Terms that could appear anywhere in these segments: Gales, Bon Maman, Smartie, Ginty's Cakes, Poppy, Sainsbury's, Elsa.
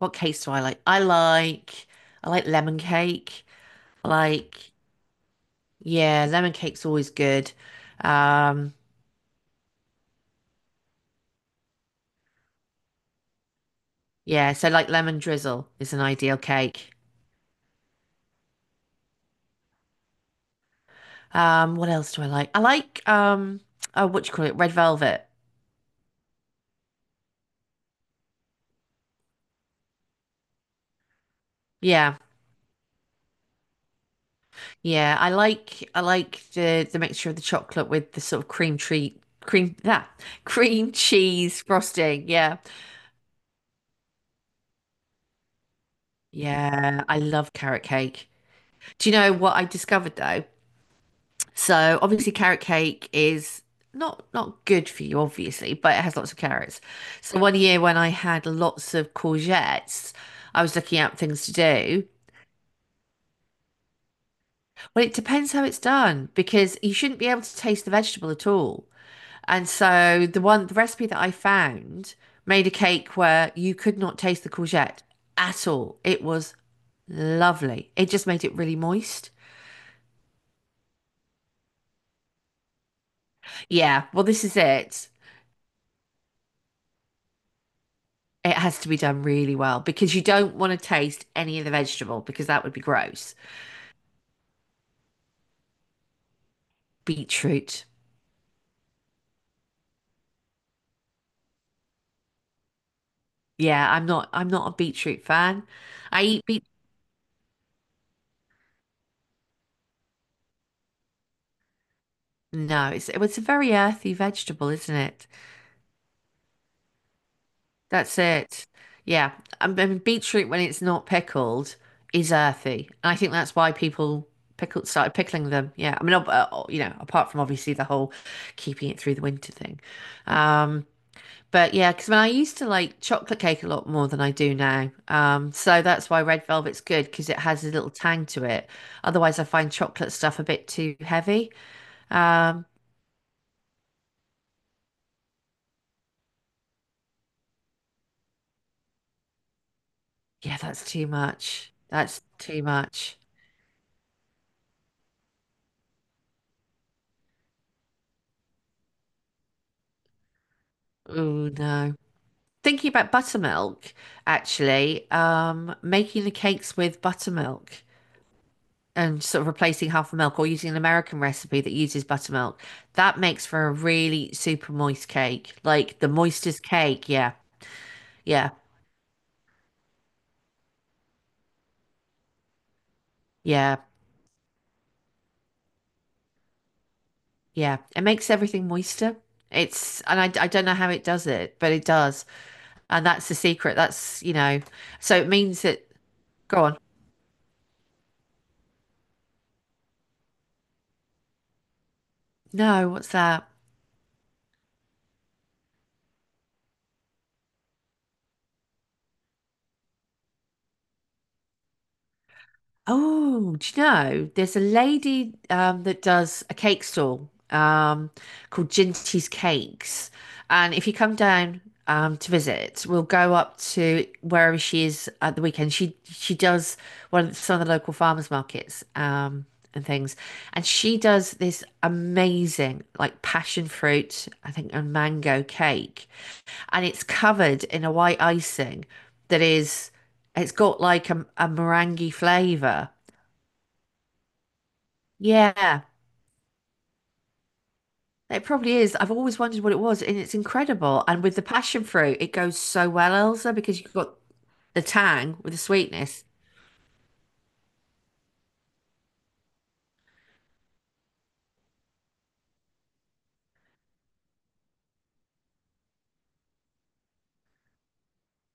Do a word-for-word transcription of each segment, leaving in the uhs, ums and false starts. What cakes do I like? I like I like lemon cake. I like yeah, lemon cake's always good. Um yeah, so like lemon drizzle is an ideal cake. Um, what else do I like? I like um oh, what do you call it? Red velvet. Yeah. Yeah, I like I like the the mixture of the chocolate with the sort of cream treat cream that cream cheese frosting. Yeah. Yeah, I love carrot cake. Do you know what I discovered though? So obviously carrot cake is not not good for you, obviously, but it has lots of carrots. So one year when I had lots of courgettes, I was looking at things to do. Well, it depends how it's done because you shouldn't be able to taste the vegetable at all. And so the one the recipe that I found made a cake where you could not taste the courgette at all. It was lovely. It just made it really moist. Yeah, well, this is it. It has to be done really well because you don't want to taste any of the vegetable because that would be gross. Beetroot. Yeah, I'm not I'm not a beetroot fan. I eat beet No, it's well, it's a very earthy vegetable, isn't it? That's it. Yeah. I mean beetroot when it's not pickled is earthy. And I think that's why people pickled started pickling them. Yeah. I mean ob- uh, you know, apart from obviously the whole keeping it through the winter thing. Um But yeah, because when I used to like chocolate cake a lot more than I do now. Um, so that's why red velvet's good because it has a little tang to it. Otherwise, I find chocolate stuff a bit too heavy. Um, yeah, that's too much. That's too much. Oh no. Thinking about buttermilk, actually, um, making the cakes with buttermilk and sort of replacing half the milk or using an American recipe that uses buttermilk, that makes for a really super moist cake. Like the moistest cake, yeah. Yeah. Yeah, yeah. It makes everything moister. It's, and I, I don't know how it does it, but it does. And that's the secret. That's, you know, so it means that, go on. No, what's that? Oh, do you know, there's a lady um, that does a cake stall um, called Ginty's Cakes. And if you come down um, to visit, we'll go up to wherever she is at the weekend. She she does one of the, some of the local farmers markets um, and things. And she does this amazing like passion fruit, I think, and mango cake. And it's covered in a white icing that is, it's got like a, a meringue flavor. Yeah, it probably is. I've always wondered what it was, and it's incredible. And with the passion fruit, it goes so well, Elsa, because you've got the tang with the sweetness.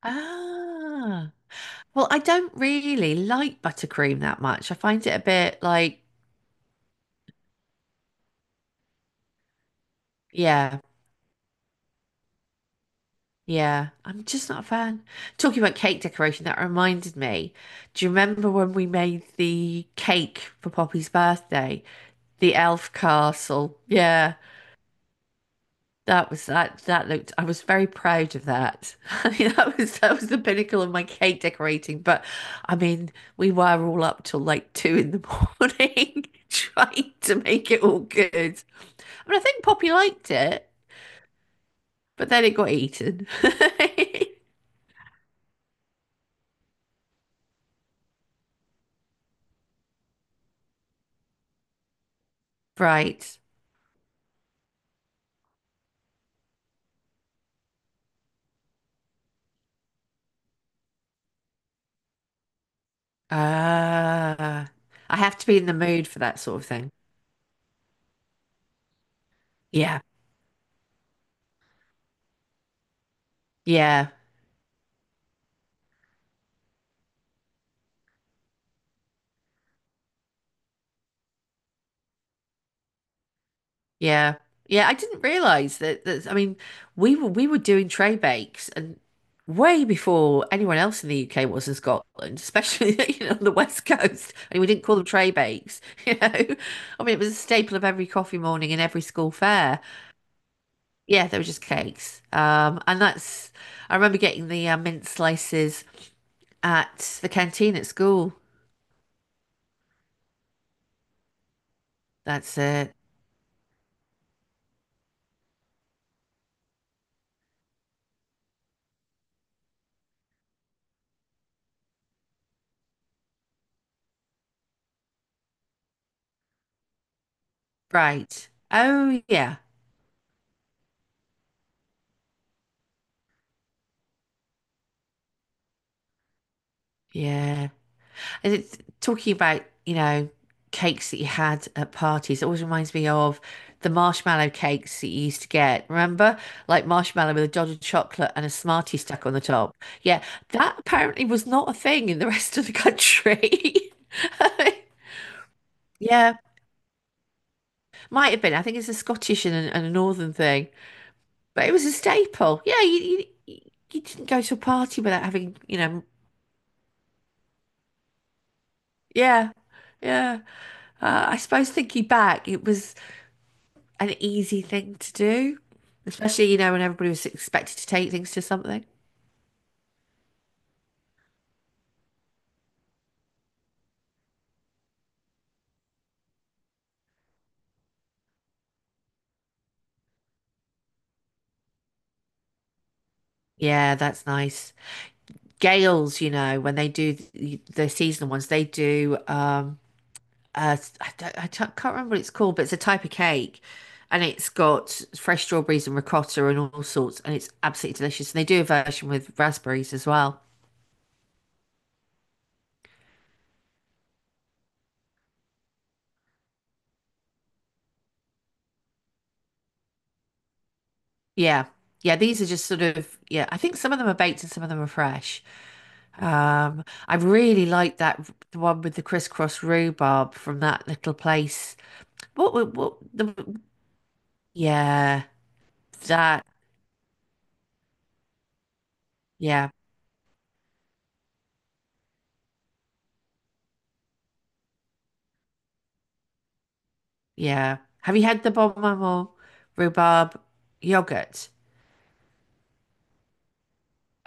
Ah, well, I don't really like buttercream that much. I find it a bit like, yeah, yeah, I'm just not a fan. Talking about cake decoration, that reminded me. Do you remember when we made the cake for Poppy's birthday? The elf castle. Yeah. That was that that looked I was very proud of that. I mean that was that was the pinnacle of my cake decorating. But I mean, we were all up till like two in the morning trying to make it all good. I mean I think Poppy liked it, but then it got eaten. Right. Uh, I have to be in the mood for that sort of thing. Yeah. Yeah. Yeah. Yeah, I didn't realize that that I mean, we were we were doing tray bakes and way before anyone else in the U K was in Scotland, especially you know, on the West Coast. And we didn't call them tray bakes, you know. I mean, it was a staple of every coffee morning and every school fair. Yeah, they were just cakes. Um, and that's I remember getting the uh, mint slices at the canteen at school. That's it. Right. Oh yeah. Yeah. It's talking about, you know, cakes that you had at parties. It always reminds me of the marshmallow cakes that you used to get. Remember? Like marshmallow with a dot of chocolate and a Smartie stuck on the top. Yeah, that apparently was not a thing in the rest of the country. Yeah, might have been. I think it's a Scottish and a, and a northern thing, but it was a staple. Yeah, you, you you didn't go to a party without having, you know, yeah, yeah. Uh, I suppose thinking back, it was an easy thing to do, especially, you know, when everybody was expected to take things to something. Yeah, that's nice. Gales, you know, when they do the, the seasonal ones, they do um uh I don't, I don't- can't remember what it's called, but it's a type of cake and it's got fresh strawberries and ricotta and all sorts and it's absolutely delicious. And they do a version with raspberries as well. Yeah. Yeah, these are just sort of yeah, I think some of them are baked and some of them are fresh. Um, I really like that the one with the crisscross rhubarb from that little place. What wa- what the Yeah, that yeah, yeah. Have you had the Bon Maman rhubarb yogurt?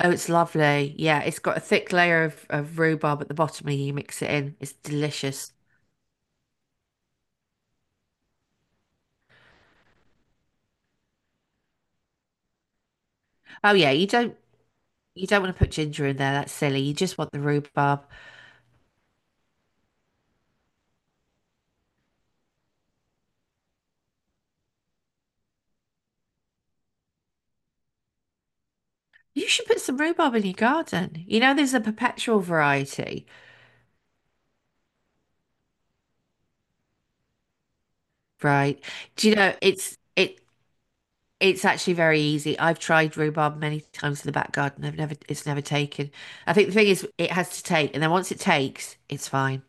Oh, it's lovely. Yeah, it's got a thick layer of, of rhubarb at the bottom and you mix it in. It's delicious. Oh yeah, you don't you don't want to put ginger in there. That's silly. You just want the rhubarb. You should put some rhubarb in your garden. You know, there's a perpetual variety. Right. Do you know it's it it's actually very easy. I've tried rhubarb many times in the back garden. I've never It's never taken. I think the thing is it has to take, and then once it takes, it's fine.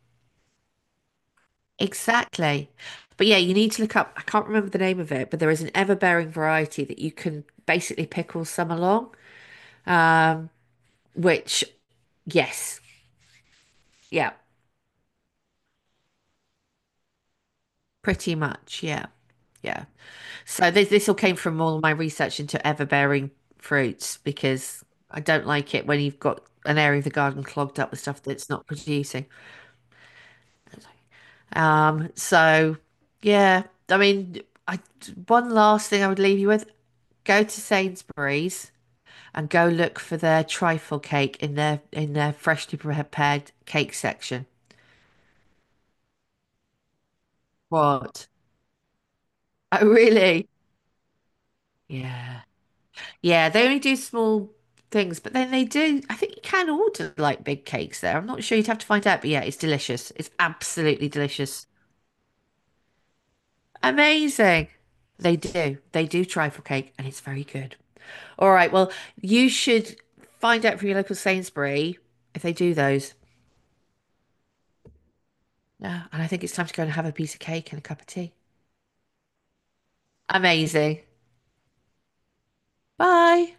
Exactly. But yeah, you need to look up. I can't remember the name of it, but there is an ever-bearing variety that you can basically pick all summer long. Um, which Yes, yeah, pretty much, yeah, yeah. So this this all came from all my research into ever-bearing fruits because I don't like it when you've got an area of the garden clogged up with stuff that's not producing. Um, so yeah, I mean, I one last thing I would leave you with: go to Sainsbury's and go look for their trifle cake in their in their freshly prepared cake section. What? Oh, really? Yeah. Yeah, they only do small things, but then they do. I think you can order like big cakes there. I'm not sure you'd have to find out, but yeah, it's delicious. It's absolutely delicious. Amazing. They do. They do trifle cake, and it's very good. All right. Well, you should find out from your local Sainsbury if they do those. Yeah, and I think it's time to go and have a piece of cake and a cup of tea. Amazing. Bye.